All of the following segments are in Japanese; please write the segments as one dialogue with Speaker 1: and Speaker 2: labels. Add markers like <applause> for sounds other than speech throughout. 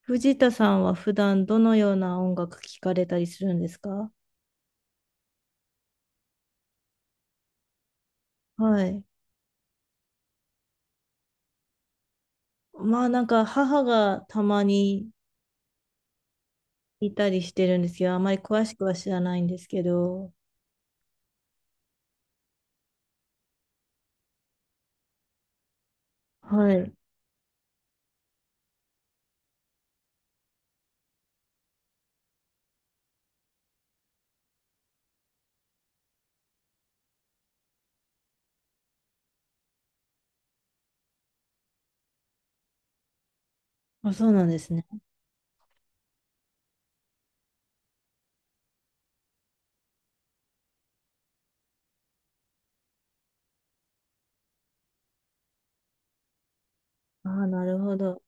Speaker 1: 藤田さんは普段どのような音楽聴かれたりするんですか？はい。まあなんか母がたまにいたりしてるんですけど、あまり詳しくは知らないんですけど。はい。あ、そうなんですね。ああ、なるほど。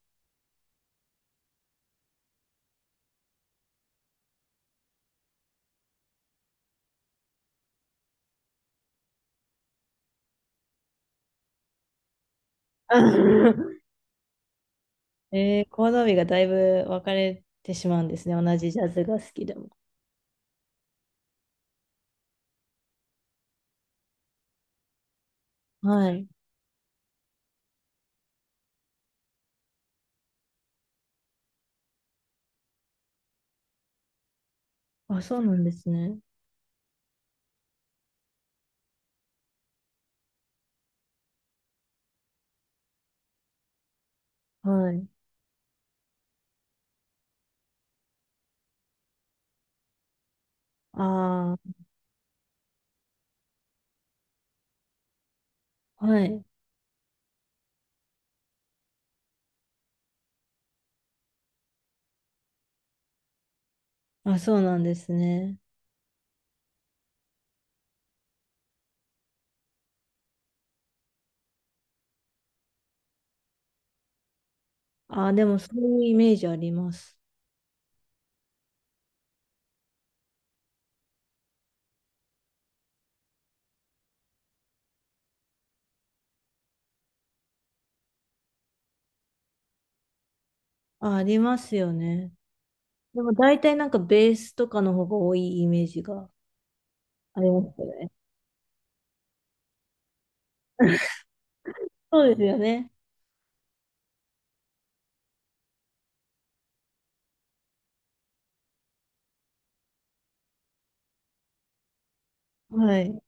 Speaker 1: <laughs> えー、コードがだいぶ分かれてしまうんですね。同じジャズが好きでも。はい。あ、そうなんですね。はい。ああ、はい。あ、そうなんですね。ああ、でもそういうイメージあります。あ、ありますよね。でも大体なんかベースとかの方が多いイメージがありますよね。そうですよね。はい。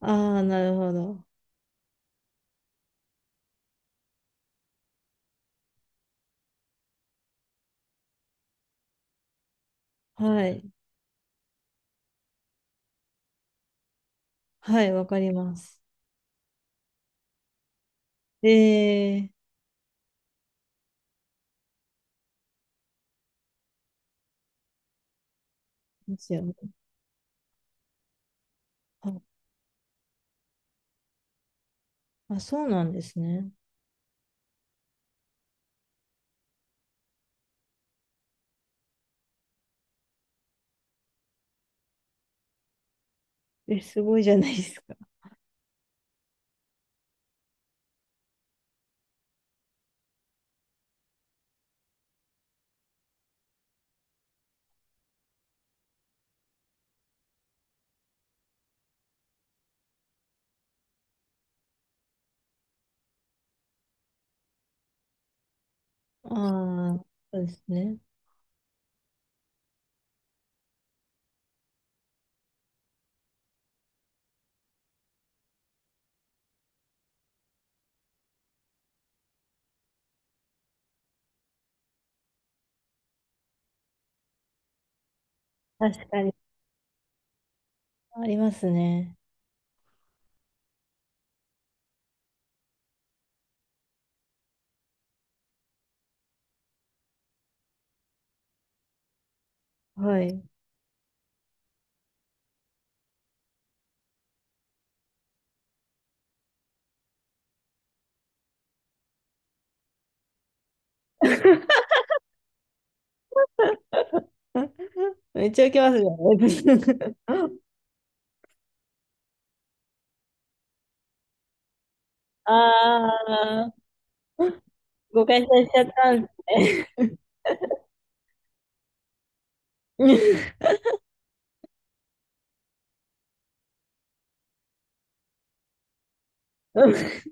Speaker 1: ああ、なるほど。はい。はい、わかります。ええ、ですよね。あ、あ、そうなんですね。え、すごいじゃないですか。ああ、そうですね。確かに。ありますね。はい。<laughs> めっちゃ受けますね。<laughs> ああ、誤解されちゃったんですね。<laughs>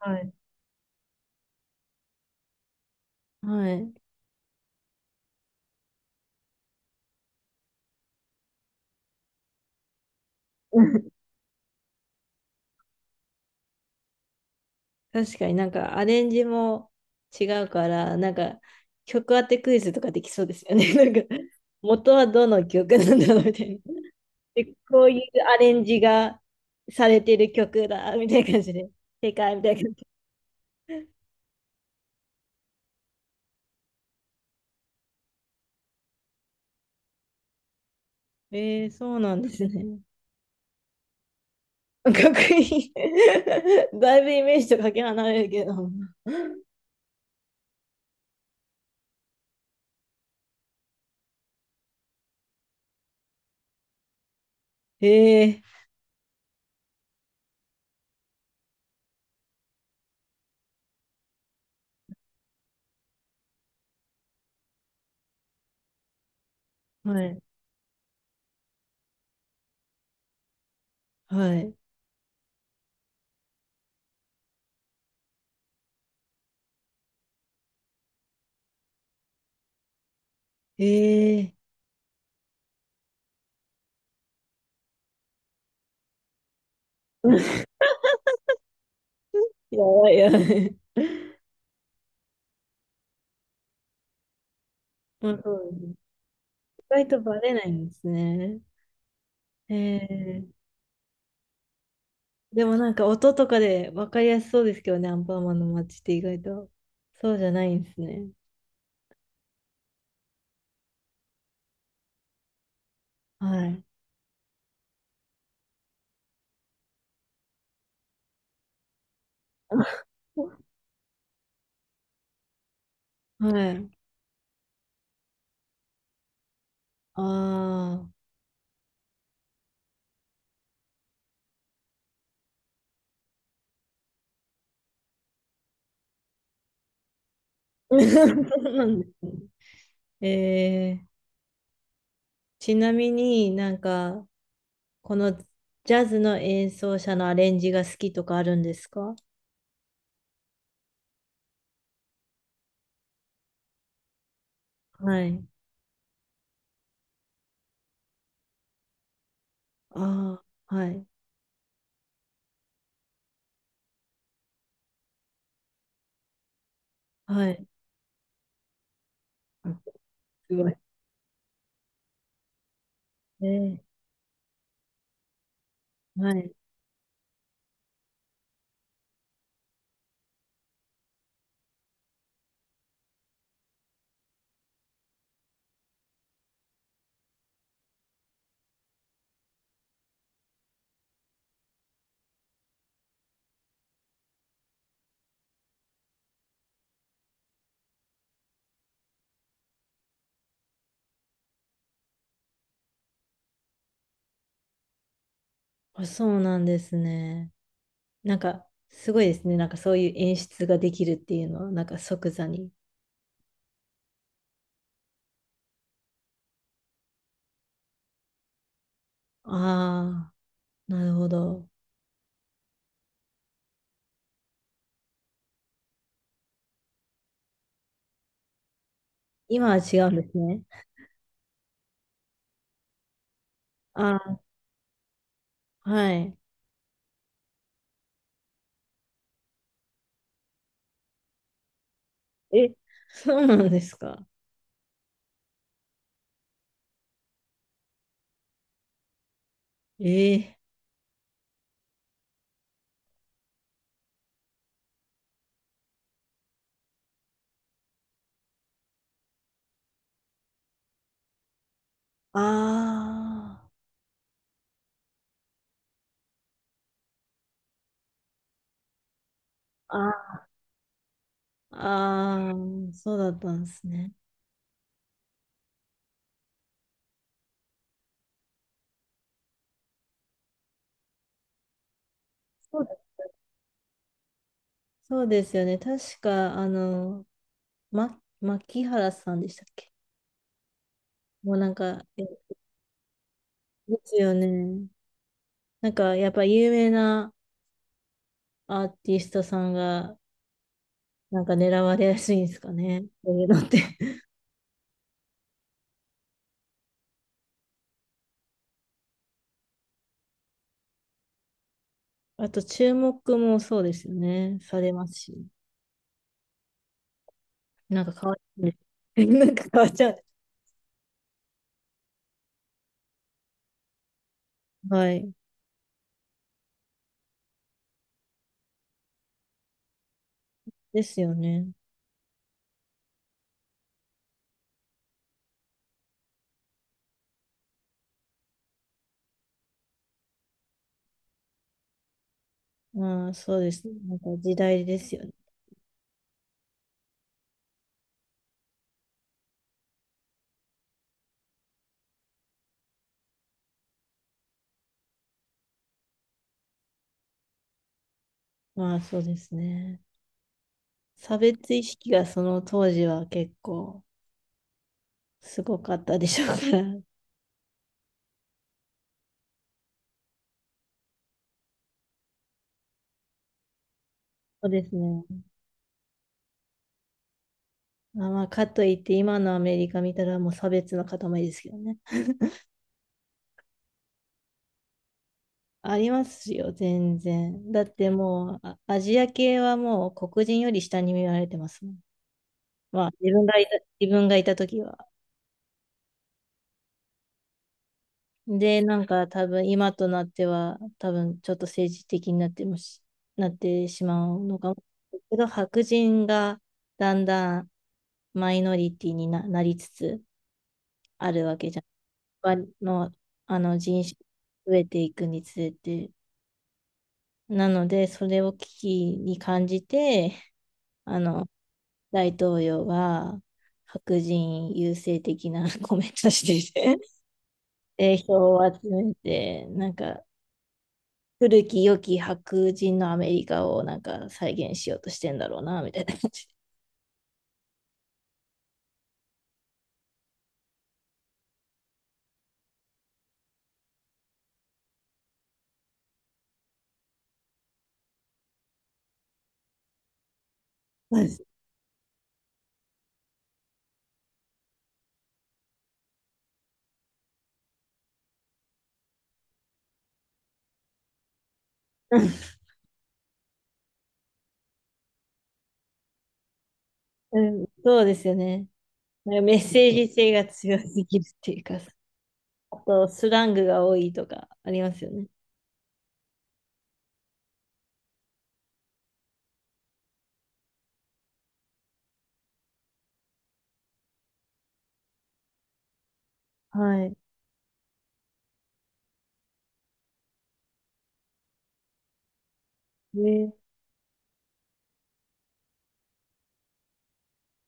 Speaker 1: はい。はい。うん。 <laughs> 確かになんかアレンジも違うから、なんか曲当てクイズとかできそうですよね。<laughs> なんか元はどの曲なんだろうみたいな。<laughs> で、こういうアレンジがされてる曲だみたいな感じで、<laughs> 正解みたいな感じで。えー、そうなんですね。<laughs> かっこいい。<laughs> だいぶイメージとかけ離れるけど。えー、はい、はい。えー、<laughs> やばいやばい。まあそうですね。意外とバレないんですね。えー、でもなんか音とかで分かりやすそうですけどね、アンパンマンの街って意外と。そうじゃないんですね。はい。<laughs> はい。ああ。<laughs> そうなんですね。えー、ちなみになんか、このジャズの演奏者のアレンジが好きとかあるんですか？はい。ああ、はい。はい。あ、すごい。えー、はい。あ、そうなんですね。なんか、すごいですね。なんかそういう演出ができるっていうのは、なんか即座に。ああ、なるほど。今は違うんですね。ああ、はい。え、そうなんですか？ええ、ああ、ああ、あーそうだったんですね。そうだ、そうですよね。確か、あの、ま、牧原さんでしたっけ？もうなんか、え、ですよね。なんか、やっぱ有名なアーティストさんがなんか狙われやすいんですかね。そういうのって。 <laughs> あと、注目もそうですよね。されますし。なんか変わっちゃうんです。 <laughs> なんか変わっちゃうんです。はい。ですよね。まあ、そうです。なんか時代ですよね。まあ、そうですね。差別意識がその当時は結構すごかったでしょうから。<laughs> そうですね。まあ、まあ、かといって今のアメリカ見たらもう差別の塊ですけどね。ありますよ、全然。だってもう、あ、アジア系はもう黒人より下に見られてますもん。まあ、自分がいた、自分がいた時は。で、なんか多分今となっては、多分ちょっと政治的になってもし、なってしまうのかも。けど、白人がだんだんマイノリティにな、なりつつあるわけじゃん。わの、あの人種が増えていくにつれて。なので、それを危機に感じて、あの、大統領が白人優勢的な <laughs> コメントしてて、票を集めて、なんか、古き良き白人のアメリカをなんか再現しようとしてんだろうな、みたいな感じ。<laughs> うん、そうですよね。なんかメッセージ性が強すぎるっていうか、あとスラングが多いとかありますよね。はい。ね、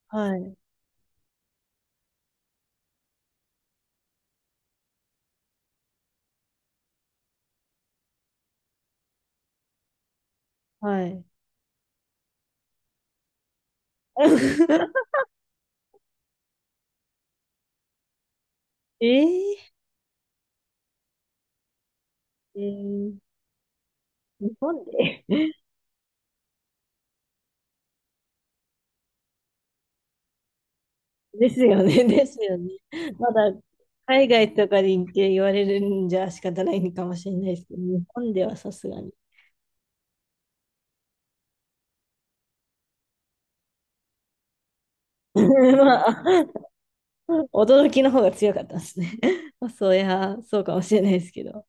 Speaker 1: はい。はい。<laughs> えー、えー、日本で、ですよね。<laughs> ですよね。まだ海外とかで行って言われるんじゃ仕方ないのかもしれないですけど、日本ではさすがに。<laughs> まあ、<laughs> 驚きの方が強かったですね。<laughs> まあ、そういや、そうかもしれないですけど。